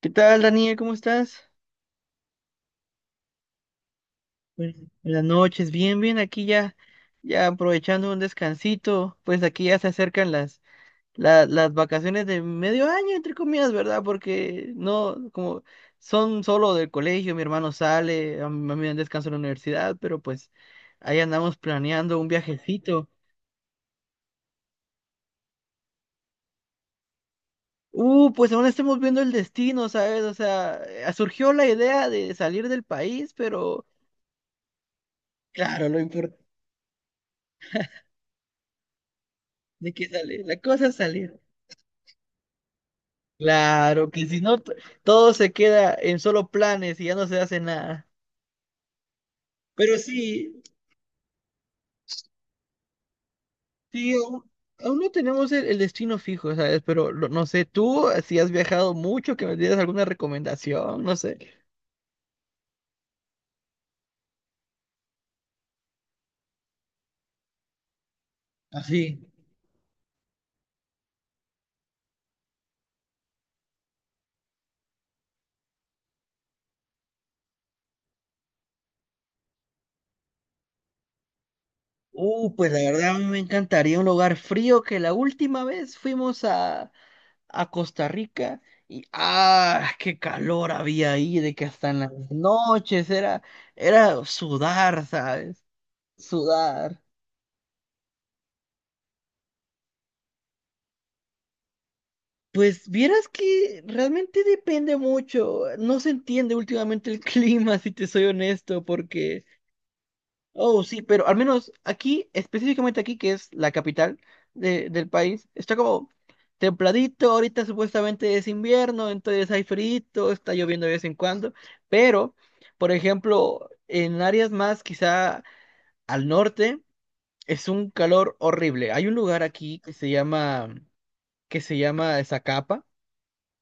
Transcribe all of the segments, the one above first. ¿Qué tal, Daniel? ¿Cómo estás? Buenas buenas noches, bien, bien, aquí ya aprovechando un descansito, pues aquí ya se acercan las vacaciones de medio año, entre comillas, ¿verdad? Porque no, como son solo del colegio, mi hermano sale, a mí me dan descanso en la universidad, pero pues ahí andamos planeando un viajecito. Pues aún estamos viendo el destino, ¿sabes? O sea, surgió la idea de salir del país, pero claro, lo importante de que sale, la cosa es salir. Claro, que si no, todo se queda en solo planes y ya no se hace nada. Pero sí, sí, aún no tenemos el destino fijo, ¿sabes? Pero no sé, tú, si has viajado mucho, que me dieras alguna recomendación, no sé. Así. Pues la verdad a mí me encantaría un lugar frío que la última vez fuimos a Costa Rica y ¡ah! ¡Qué calor había ahí! De que hasta en las noches era sudar, ¿sabes? Sudar. Pues vieras que realmente depende mucho. No se entiende últimamente el clima, si te soy honesto, porque, oh, sí, pero al menos aquí, específicamente aquí, que es la capital del país, está como templadito. Ahorita supuestamente es invierno, entonces hay frío, está lloviendo de vez en cuando. Pero, por ejemplo, en áreas más quizá al norte, es un calor horrible. Hay un lugar aquí que se llama Zacapa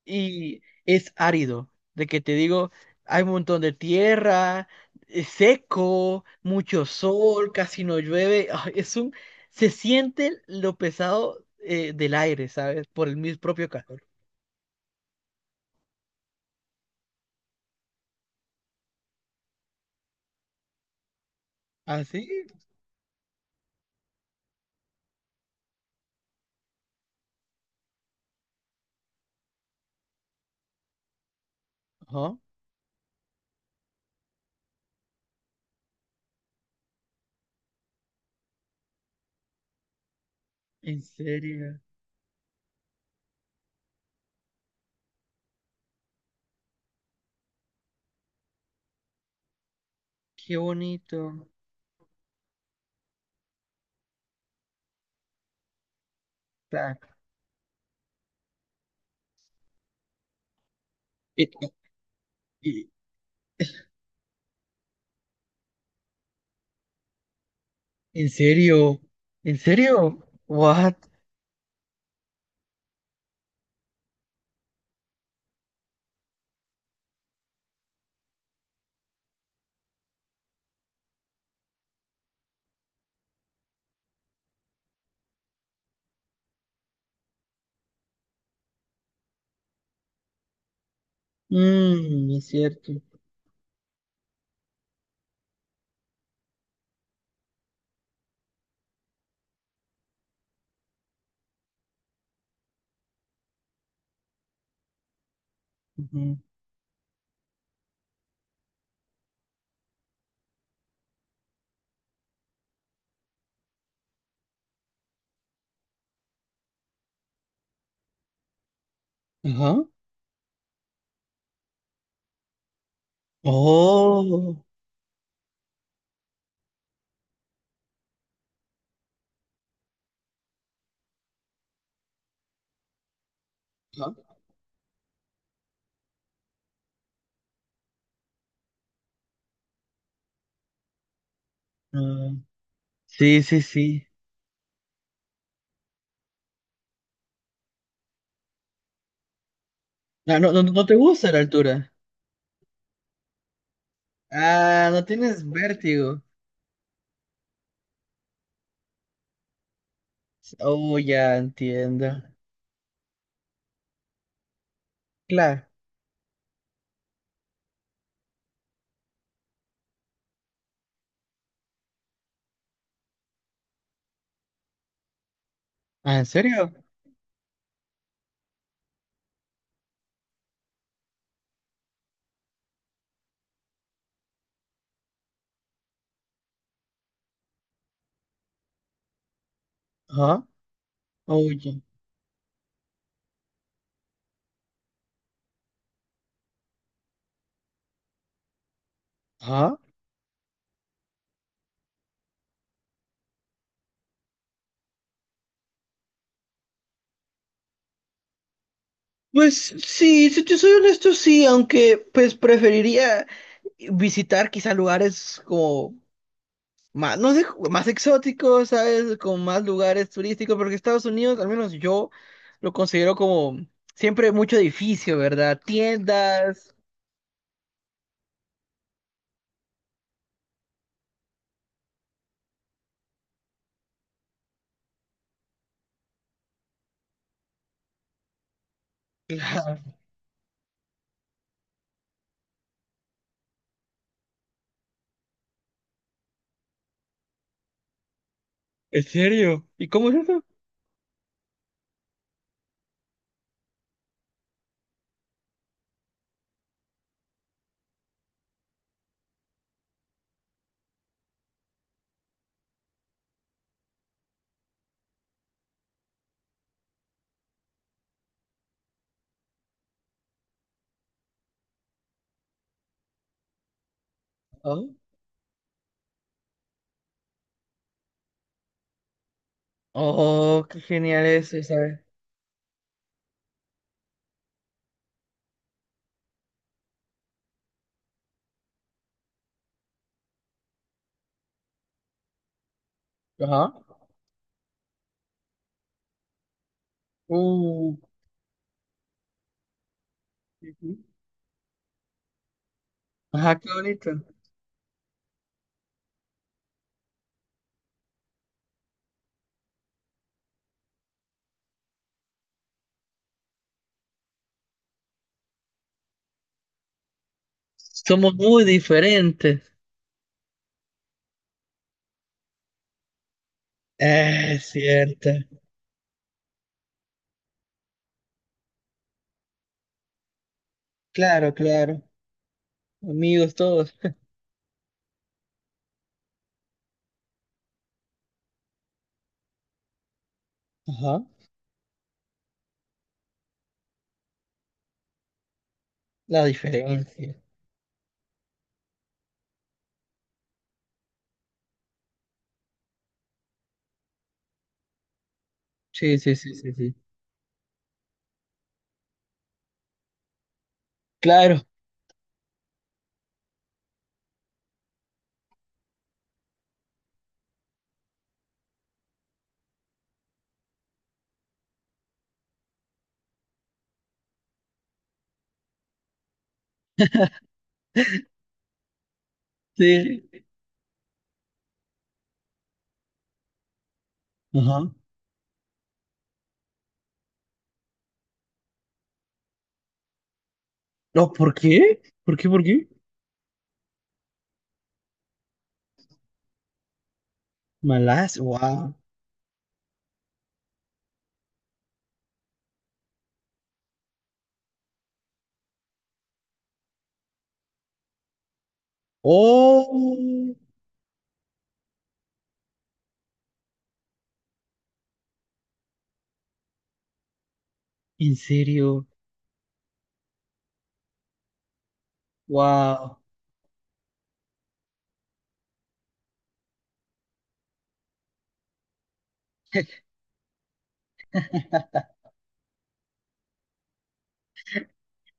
y es árido, de que te digo, hay un montón de tierra, es seco, mucho sol, casi no llueve, ah, es un, se siente lo pesado del aire, ¿sabes? Por el mis propio calor. ¿Ah, sí? Ajá. En serio, qué bonito. Ta- e- e- ¿En serio? ¿En serio? What? Mm, es cierto. Ujú. Ajá. Oh. Ajá. Ah, sí, sí, sí. Ah, no, no, no te gusta la altura. Ah, no tienes vértigo. Oh, ya entiendo. Claro. Ah, ¿en serio? Ajá. Oye. Ajá. Pues sí, si te soy honesto, sí, aunque pues preferiría visitar quizá lugares como más, no sé, más exóticos, ¿sabes? Con más lugares turísticos, porque Estados Unidos, al menos yo, lo considero como siempre mucho edificio, ¿verdad? Tiendas. Claro. ¿En serio? ¿Y cómo es eso? Oh, qué genial eso, ¿sabes? Ajá. Uh, Ujú. Ajá, qué bonito. Somos muy diferentes. Es cierto. Claro, claro. Amigos todos. Ajá. La diferencia. Sí, sí, sí, sí, sí. Claro. Sí. Ajá. No, ¿por qué? ¿Por qué? ¿Por qué? Malas. Wow. Oh, en serio. Wow.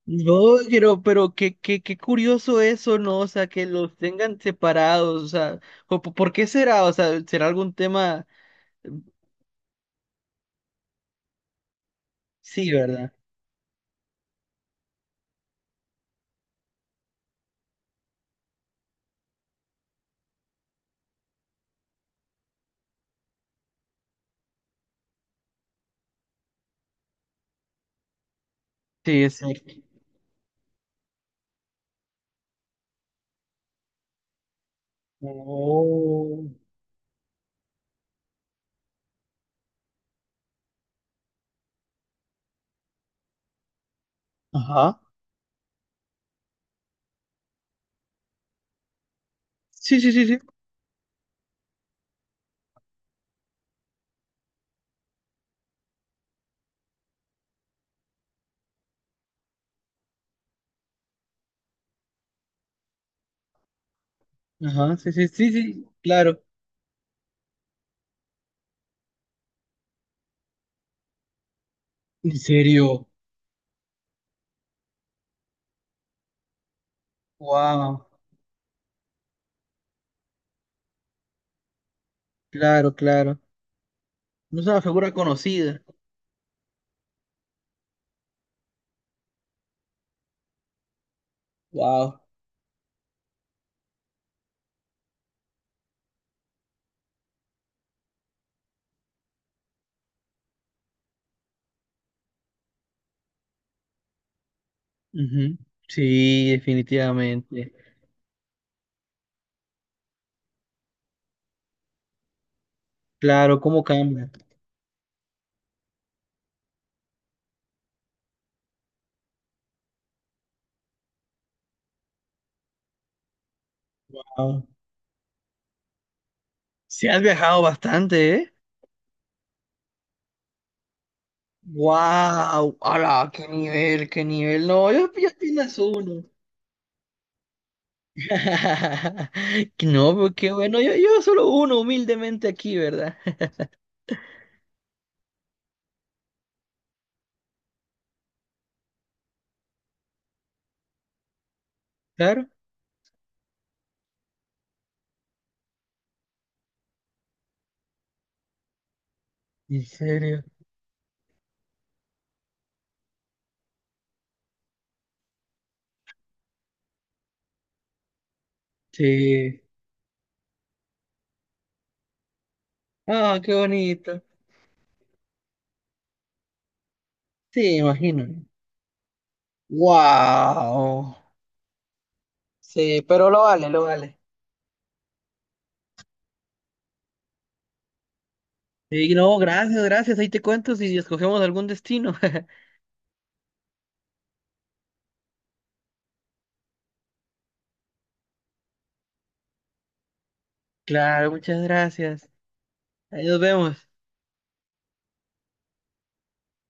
No, pero qué, qué, qué curioso eso, ¿no? O sea, que los tengan separados, o sea, ¿por qué será? O sea, ¿será algún tema? Sí, ¿verdad? Sí, es cierto. Oh. Ajá. Sí, sí, sí, sí. Ajá, sí, sí, sí, sí, claro. ¿En serio? Wow. Claro, claro. No es una figura conocida. Wow. Ujú. Sí, definitivamente. Claro, ¿cómo cambia? Wow. Sí, has viajado bastante, ¿eh? Wow, ala, qué nivel, qué nivel. No, yo apenas uno. No, pero qué bueno, yo solo uno humildemente aquí, ¿verdad? Claro. ¿En serio? Sí. Ah, qué bonito. Sí, imagino. Wow. Sí, pero lo vale, lo vale. Sí, no, gracias, gracias. Ahí te cuento si escogemos algún destino. Claro, muchas gracias. Ahí nos vemos.